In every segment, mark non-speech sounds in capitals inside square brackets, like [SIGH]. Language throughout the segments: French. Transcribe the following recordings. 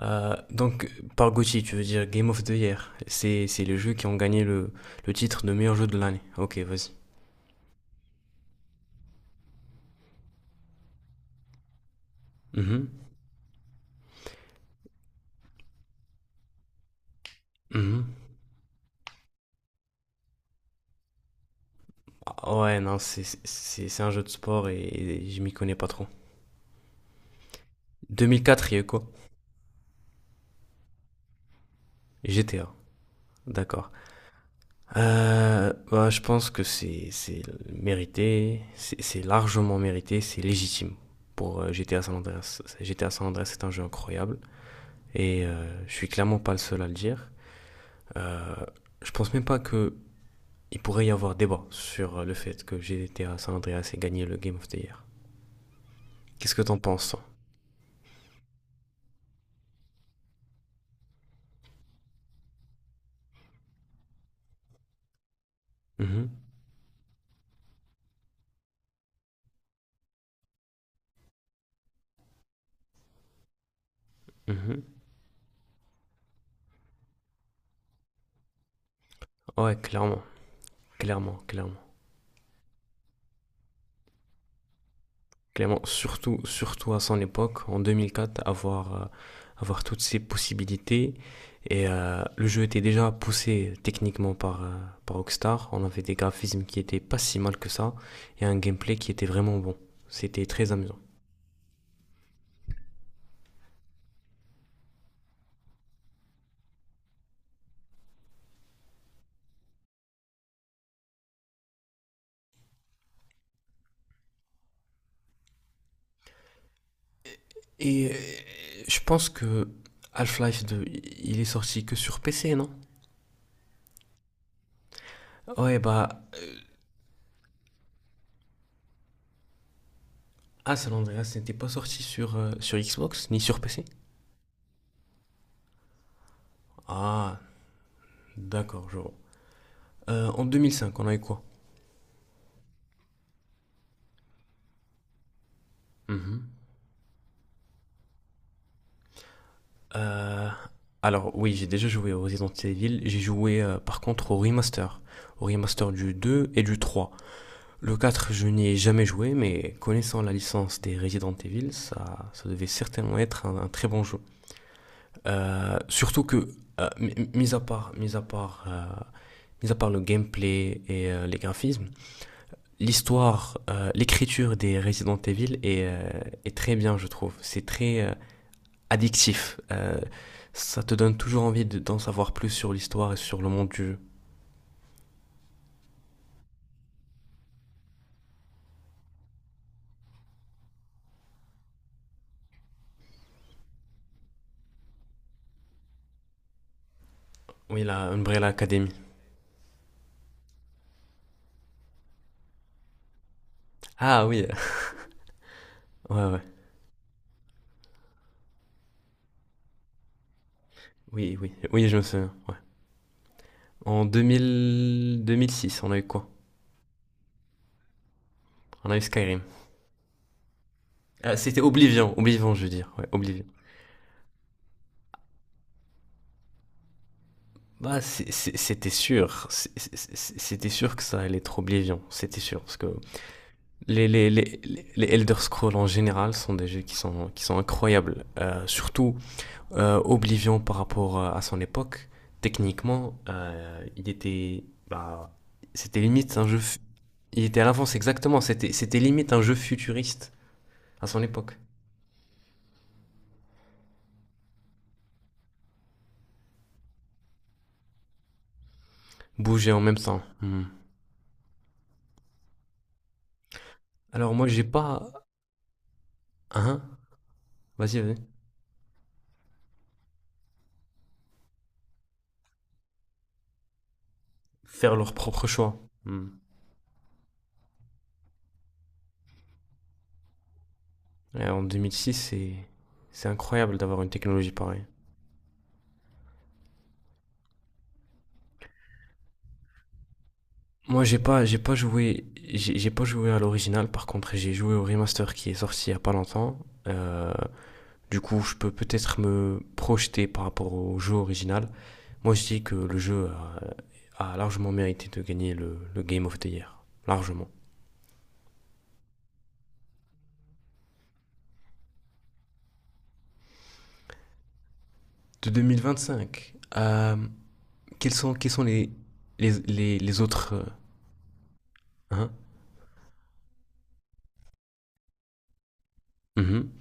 Donc, par GOTY, tu veux dire Game of the Year. C'est les jeux qui ont gagné le titre de meilleur jeu de l'année. Ok, vas-y. Mhm, mhm. Ah, ouais, non, c'est un jeu de sport et je m'y connais pas trop. 2004, il y a eu quoi? GTA, d'accord. Bah, je pense que c'est mérité, c'est largement mérité, c'est légitime pour GTA San Andreas. GTA San Andreas est un jeu incroyable et je suis clairement pas le seul à le dire. Euh, je pense même pas que il pourrait y avoir débat sur le fait que GTA San Andreas ait gagné le Game of the Year. Qu'est-ce que t'en penses, toi? Mhm, mhm. Ouais, clairement, clairement, clairement. Clairement, surtout, surtout à son époque, en 2004, avoir toutes ces possibilités. Et le jeu était déjà poussé techniquement par Rockstar. On avait des graphismes qui étaient pas si mal que ça et un gameplay qui était vraiment bon. C'était très amusant. Et je pense que Half-Life 2, il est sorti que sur PC, non? Ah, ouais, bah, ah, San Andreas n'était pas sorti sur Xbox ni sur PC. Ah, d'accord, je vois. En 2005, on avait quoi? Mhm. Euh, alors, oui, j'ai déjà joué au Resident Evil. J'ai joué, par contre, au remaster. Au remaster du 2 et du 3. Le quatre, je n'y ai jamais joué, mais connaissant la licence des Resident Evil, ça devait certainement être un très bon jeu. Surtout que, mi- mis à part, mis à part, mis à part le gameplay et les graphismes, l'histoire, l'écriture des Resident Evil est très bien, je trouve. C'est très addictif. Ça te donne toujours envie d'en savoir plus sur l'histoire et sur le monde du jeu. Oui, la Umbrella Academy. Ah oui, [LAUGHS] ouais, ouais. Oui, oui, oui, je me souviens. Ouais. En 2000, 2006, on a eu quoi? On a eu Skyrim. Ah, c'était Oblivion, Oblivion, je veux dire. Ouais, Oblivion. Bah, c'était sûr. C'était sûr que ça allait être Oblivion. C'était sûr. Parce que Les, les, les, les Elder Scrolls en général sont des jeux qui sont incroyables. Surtout Oblivion par rapport à son époque. Techniquement, il était. Bah, c'était limite un jeu Il était à l'avance, exactement. C'était limite un jeu futuriste à son époque. Bouger en même temps. Hmm. Alors, moi, j'ai pas. Hein? Vas-y, vas-y. Faire leur propre choix. Hmm. Et en 2006, c'est incroyable d'avoir une technologie pareille. Moi, j'ai pas joué à l'original. Par contre, j'ai joué au remaster qui est sorti il y a pas longtemps. Euh, du coup, je peux peut-être me projeter par rapport au jeu original. Moi, je dis que le jeu a largement mérité de gagner le Game of the Year, largement. De 2025, quels sont les autres, hein? Mhm.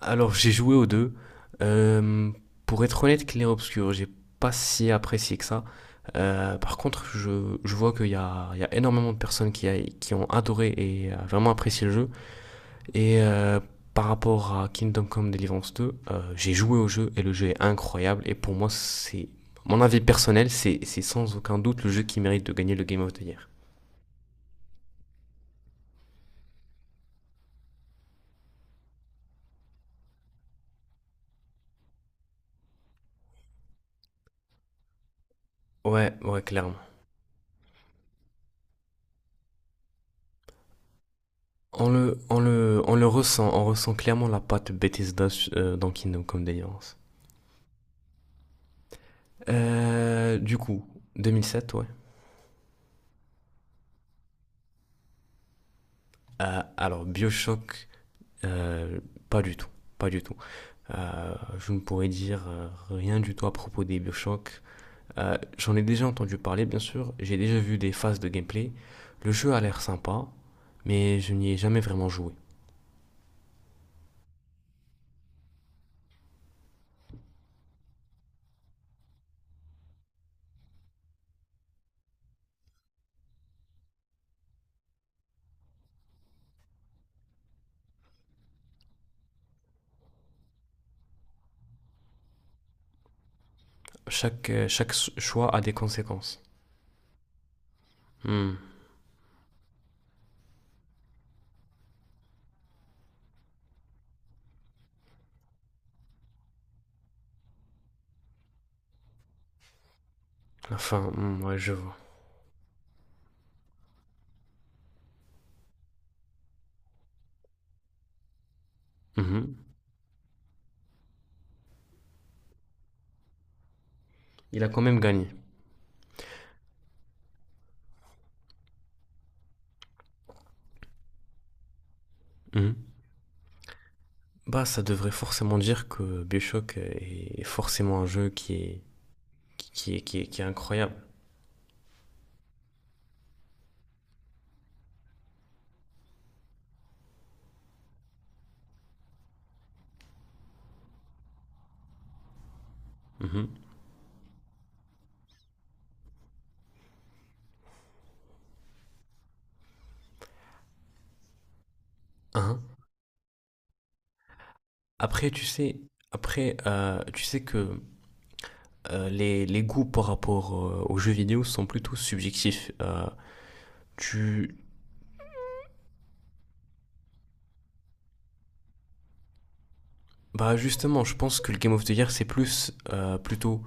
Alors, j'ai joué aux deux. Euh, pour être honnête, Clair Obscur, j'ai pas si apprécié que ça. Par contre, je vois qu'il y a énormément de personnes qui ont adoré et vraiment apprécié le jeu. Et par rapport à Kingdom Come Deliverance 2, j'ai joué au jeu et le jeu est incroyable. Et pour moi, c'est mon avis personnel, c'est sans aucun doute le jeu qui mérite de gagner le Game of the Year. Ouais, ouais, clairement. On ressent clairement la patte Bethesda dans Kingdom Come Deliverance. Du coup, 2007, ouais. Alors, Bioshock, euh, pas du tout. Pas du tout. Je ne pourrais dire rien du tout à propos des Bioshock. J'en ai déjà entendu parler, bien sûr. J'ai déjà vu des phases de gameplay. Le jeu a l'air sympa, mais je n'y ai jamais vraiment joué. Chaque choix a des conséquences. Hmm. Enfin, ouais, je vois. Mhm. Il a quand même gagné. Mhm. Bah, ça devrait forcément dire que Bioshock est forcément un jeu qui est incroyable. Mhm. Hein. Après, tu sais, après, tu sais que les goûts par rapport aux jeux vidéo sont plutôt subjectifs. Tu, Bah, justement, je pense que le Game of the Year c'est plus plutôt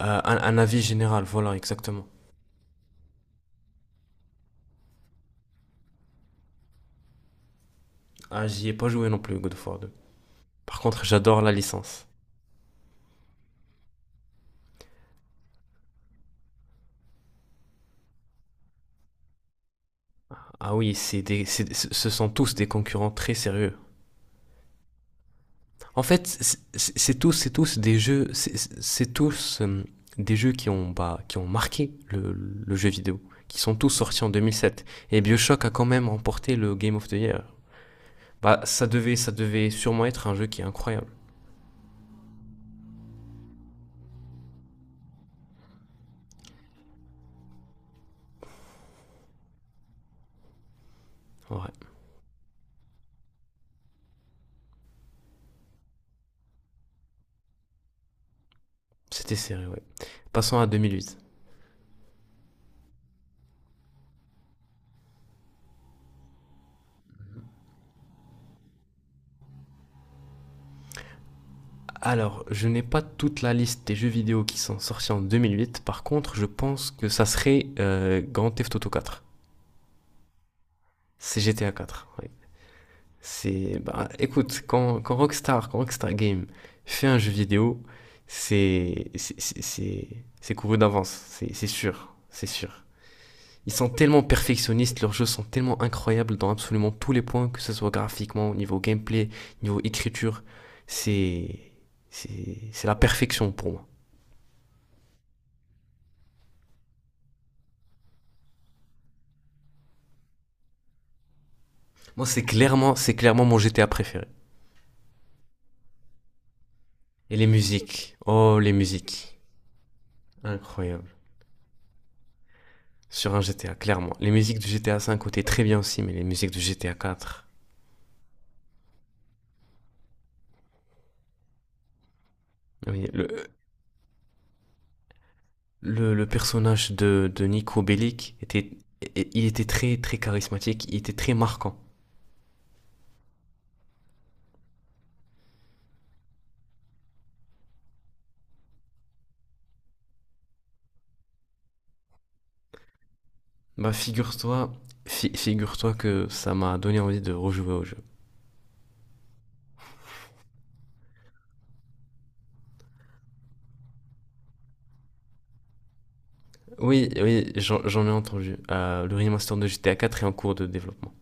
un avis général. Voilà, exactement. Ah, j'y ai pas joué non plus God of War 2. Par contre, j'adore la licence. Ah oui, ce sont tous des concurrents très sérieux. En fait, c'est tous des jeux qui ont marqué le jeu vidéo, qui sont tous sortis en 2007. Et BioShock a quand même remporté le Game of the Year. Bah, ça devait sûrement être un jeu qui est incroyable. En vrai, c'était serré, ouais. Passons à 2008. Alors, je n'ai pas toute la liste des jeux vidéo qui sont sortis en 2008. Par contre, je pense que ça serait Grand Theft Auto 4. C'est GTA 4, oui. Bah, écoute, quand Rockstar Game fait un jeu vidéo, c'est couru d'avance, c'est sûr, c'est sûr. Ils sont tellement perfectionnistes, leurs jeux sont tellement incroyables dans absolument tous les points, que ce soit graphiquement, au niveau gameplay, niveau écriture, c'est, c'est la perfection pour moi. Moi, c'est clairement mon GTA préféré. Et les musiques, oh les musiques, incroyable. Sur un GTA, clairement. Les musiques du GTA 5 étaient très bien aussi, mais les musiques du GTA 4. Oui, le personnage de Nico Bellic il était très très charismatique, il était très marquant. Bah, figure-toi que ça m'a donné envie de rejouer au jeu. Oui, oui, j'en ai entendu. Le remaster de GTA 4 est en cours de développement.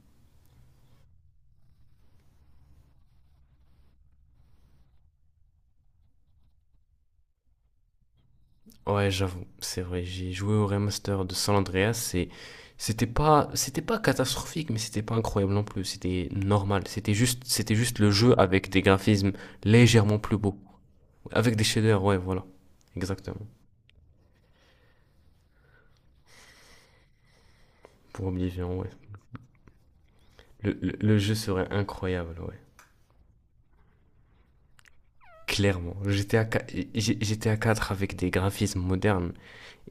Ouais, j'avoue, c'est vrai. J'ai joué au remaster de San Andreas et c'était pas catastrophique, mais c'était pas incroyable non plus. C'était normal. C'était juste le jeu avec des graphismes légèrement plus beaux. Avec des shaders, ouais, voilà. Exactement. Pour Oblivion, ouais. Le jeu serait incroyable, ouais. Clairement. J'étais à 4 avec des graphismes modernes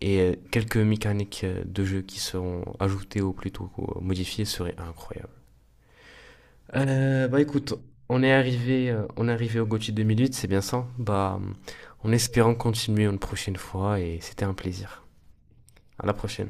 et quelques mécaniques de jeu qui seront ajoutées ou plutôt modifiées seraient incroyables. Bah, écoute, on est arrivé au GOTY 2008, c'est bien ça? Bah, en espérant continuer une prochaine fois et c'était un plaisir. À la prochaine.